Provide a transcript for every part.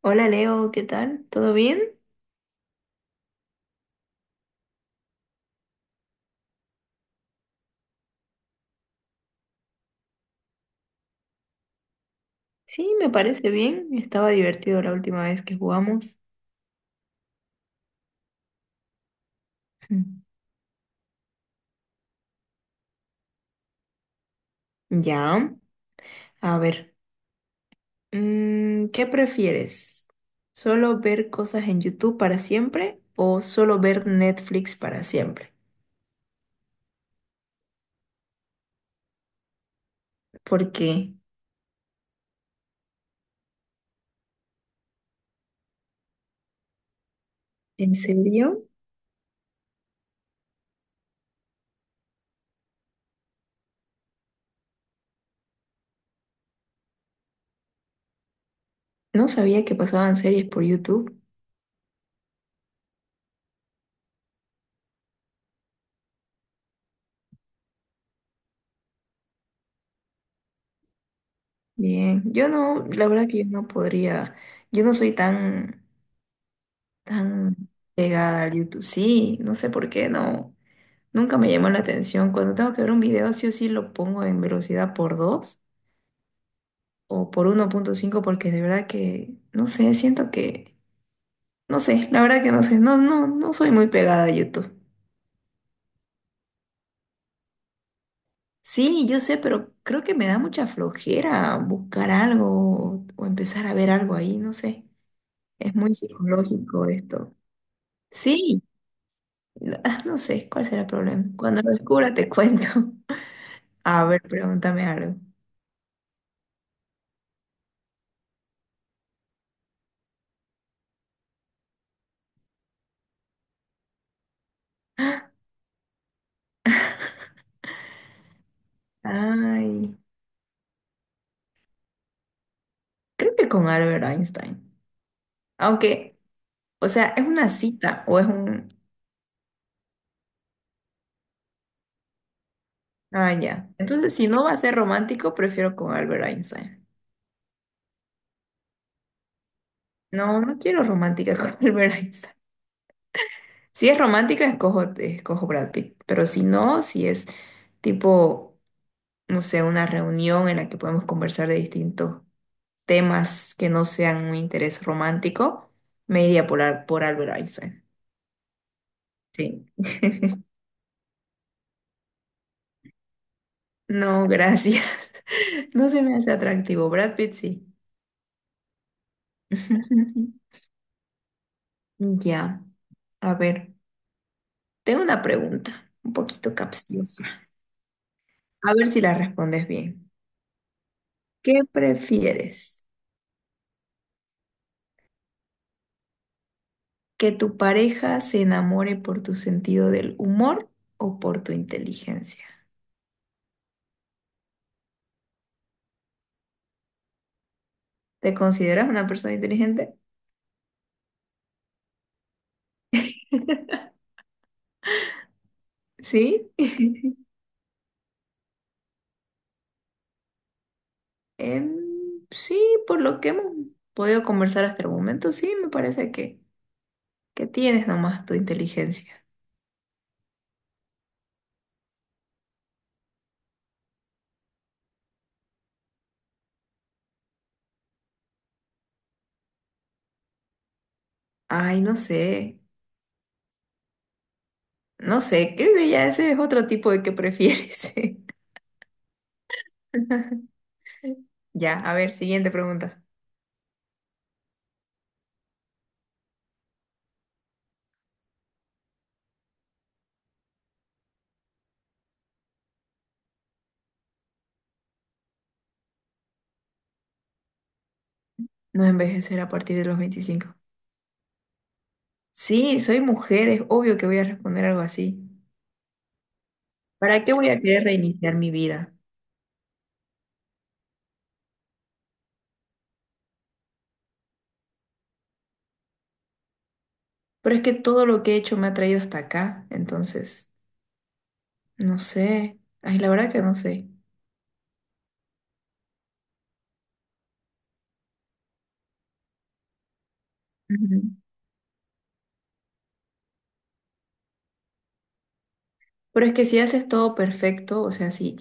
Hola Leo, ¿qué tal? ¿Todo bien? Sí, me parece bien. Estaba divertido la última vez que jugamos. Ya, a ver, ¿qué prefieres? ¿Solo ver cosas en YouTube para siempre o solo ver Netflix para siempre? ¿Por qué? ¿En serio? No sabía que pasaban series por YouTube. Bien, yo no, la verdad que yo no podría, yo no soy tan, tan pegada al YouTube. Sí, no sé por qué no. Nunca me llamó la atención. Cuando tengo que ver un video, sí o sí lo pongo en velocidad por 2 o por 1.5 porque de verdad que, no sé, siento que, no sé, la verdad que no sé, no soy muy pegada a YouTube. Sí, yo sé, pero creo que me da mucha flojera buscar algo o empezar a ver algo ahí, no sé. Es muy psicológico esto. Sí, no no sé, ¿cuál será el problema? Cuando lo descubra te cuento. A ver, pregúntame algo. Ay, creo que con Albert Einstein. Aunque, o sea, ¿es una cita o es un...? Ah, ya. Entonces, si no va a ser romántico, prefiero con Albert Einstein. No, no quiero romántica con Albert Einstein. Si es romántica, escojo Brad Pitt. Pero si no, si es tipo, no sé, una reunión en la que podemos conversar de distintos temas que no sean un interés romántico, me iría por, por Albert Einstein. Sí. No, gracias. No se me hace atractivo. Brad Pitt sí. Ya, a ver, tengo una pregunta un poquito capciosa. A ver si la respondes bien. ¿Qué prefieres? ¿Que tu pareja se enamore por tu sentido del humor o por tu inteligencia? ¿Te consideras una persona inteligente? ¿Sí? Em, sí, por lo que hemos podido conversar hasta el momento, sí, me parece que tienes nomás tu inteligencia. Ay, no sé, no sé, creo que ya ese es otro tipo de que prefieres. Ya, a ver, siguiente pregunta. ¿No envejecer a partir de los 25? Sí, soy mujer, es obvio que voy a responder algo así. ¿Para qué voy a querer reiniciar mi vida? Pero es que todo lo que he hecho me ha traído hasta acá, entonces, no sé. Ay, la verdad que no sé. Ujú. Pero es que si haces todo perfecto, o sea, si,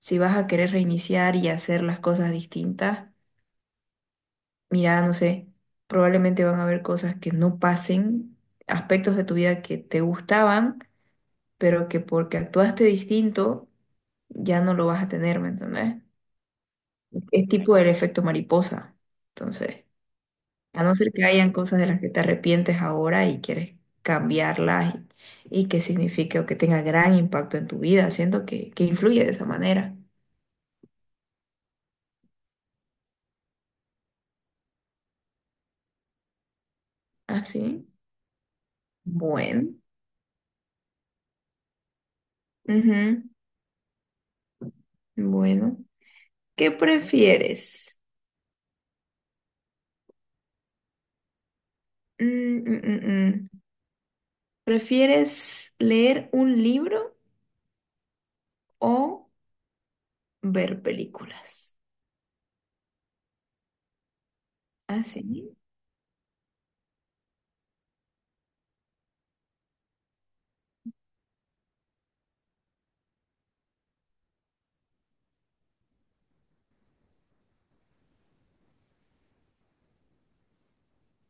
si vas a querer reiniciar y hacer las cosas distintas, mira, no sé, probablemente van a haber cosas que no pasen, aspectos de tu vida que te gustaban pero que porque actuaste distinto ya no lo vas a tener, ¿me entendés? Es tipo el efecto mariposa. Entonces, a no ser que hayan cosas de las que te arrepientes ahora y quieres cambiarlas y que signifique o que tenga gran impacto en tu vida, siento que influye de esa manera. Así. Bueno. Ujú. Bueno. ¿Qué prefieres? Mm, mm, mm, mm. ¿Prefieres leer un libro o ver películas? Así.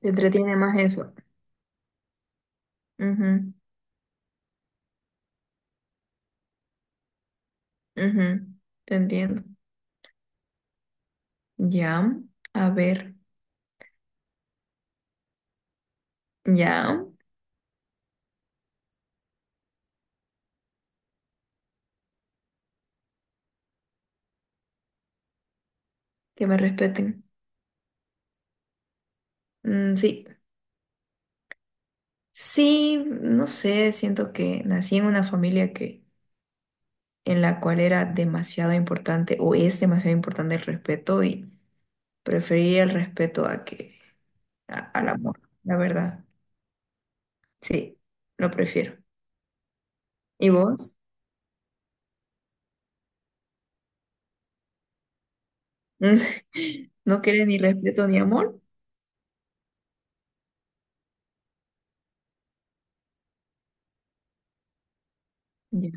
Te entretiene más eso. Ujú, ujú, te entiendo. Ya, a ver, ya, que me respeten. Mm, sí, sí, no sé, siento que nací en una familia que en la cual era demasiado importante o es demasiado importante el respeto y prefería el respeto a que al amor, la verdad. Sí, lo prefiero. ¿Y vos? ¿No quieres ni respeto ni amor? Ya.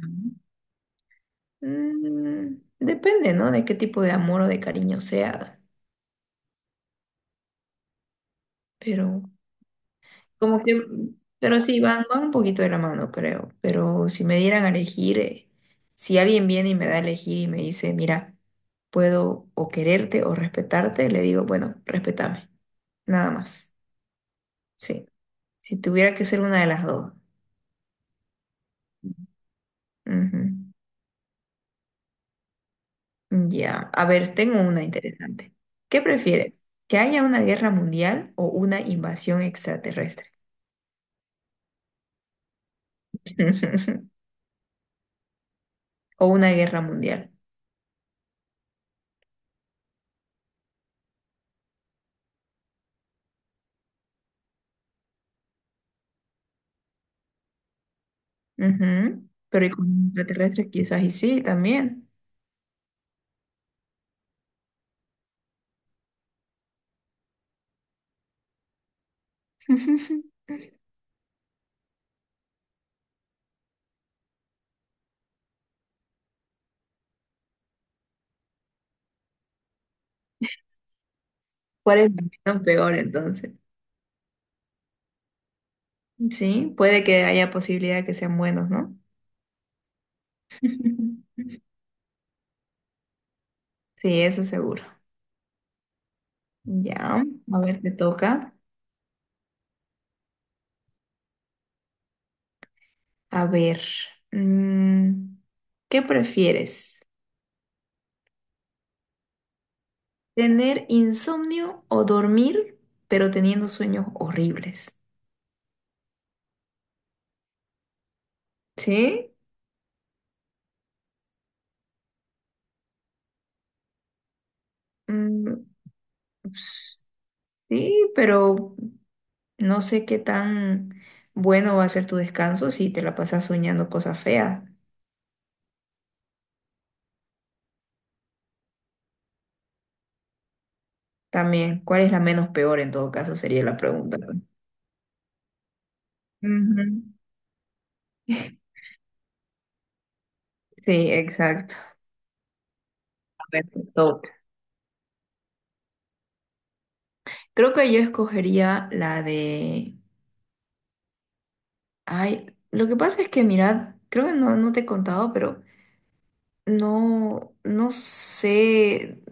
Mm, depende, ¿no? De qué tipo de amor o de cariño sea, pero como que, pero sí, van un poquito de la mano, creo, pero si me dieran a elegir, si alguien viene y me da a elegir y me dice, mira, puedo o quererte o respetarte, le digo, bueno, respétame, nada más, sí, si tuviera que ser una de las dos. Ujú. Ya, a ver, tengo una interesante. ¿Qué prefieres? ¿Que haya una guerra mundial o una invasión extraterrestre? O una guerra mundial. Ujú. Pero y con extraterrestres quizás y sí también. ¿Cuál es la opción peor entonces? Sí, puede que haya posibilidad de que sean buenos, ¿no? Sí, eso seguro. Ya, a ver, te toca. A ver, mm, ¿qué prefieres? ¿Tener insomnio o dormir, pero teniendo sueños horribles? Sí, mm, sí, pero no sé qué tan bueno va a ser tu descanso si te la pasas soñando cosas feas. También, ¿cuál es la menos peor en todo caso? Sería la pregunta. Ujú. Sí, exacto. A ver, te toca. Creo que yo escogería la de... Ay, lo que pasa es que, mirad, creo que no, no te he contado, pero no, no sé,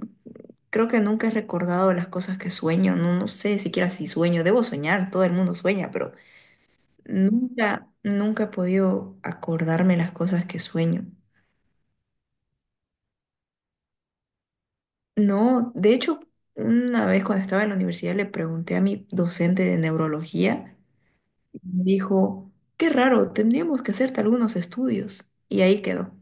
creo que nunca he recordado las cosas que sueño, no, no sé siquiera si sueño, debo soñar, todo el mundo sueña, pero... Nunca, nunca he podido acordarme las cosas que sueño. No, de hecho, una vez cuando estaba en la universidad le pregunté a mi docente de neurología y me dijo, qué raro, tendríamos que hacerte algunos estudios. Y ahí quedó.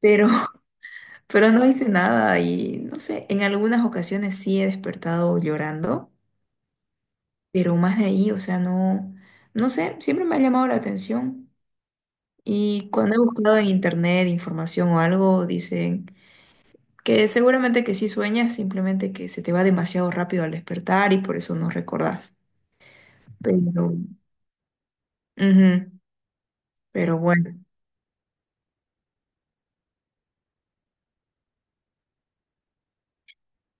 Pero, pero no hice nada y no sé, en algunas ocasiones sí he despertado llorando, pero más de ahí, o sea, no, no sé, siempre me ha llamado la atención. Y cuando he buscado en internet información o algo, dicen... Que seguramente que sí sueñas, simplemente que se te va demasiado rápido al despertar y por eso no recordás. Pero, ujú, pero bueno,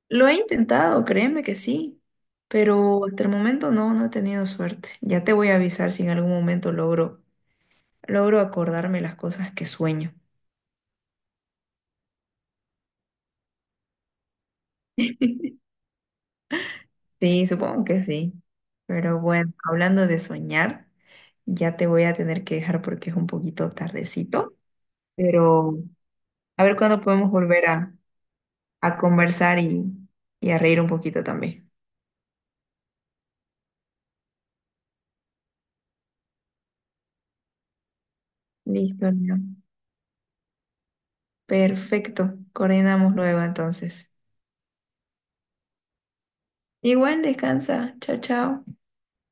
lo he intentado, créeme que sí, pero hasta el momento no, no he tenido suerte. Ya te voy a avisar si en algún momento logro, logro acordarme las cosas que sueño. Sí, supongo que sí. Pero bueno, hablando de soñar, ya te voy a tener que dejar porque es un poquito tardecito. Pero a ver cuándo podemos volver a conversar y a reír un poquito también. Listo, Leo. Perfecto. Coordinamos luego entonces. Igual, descansa. Chao, chao.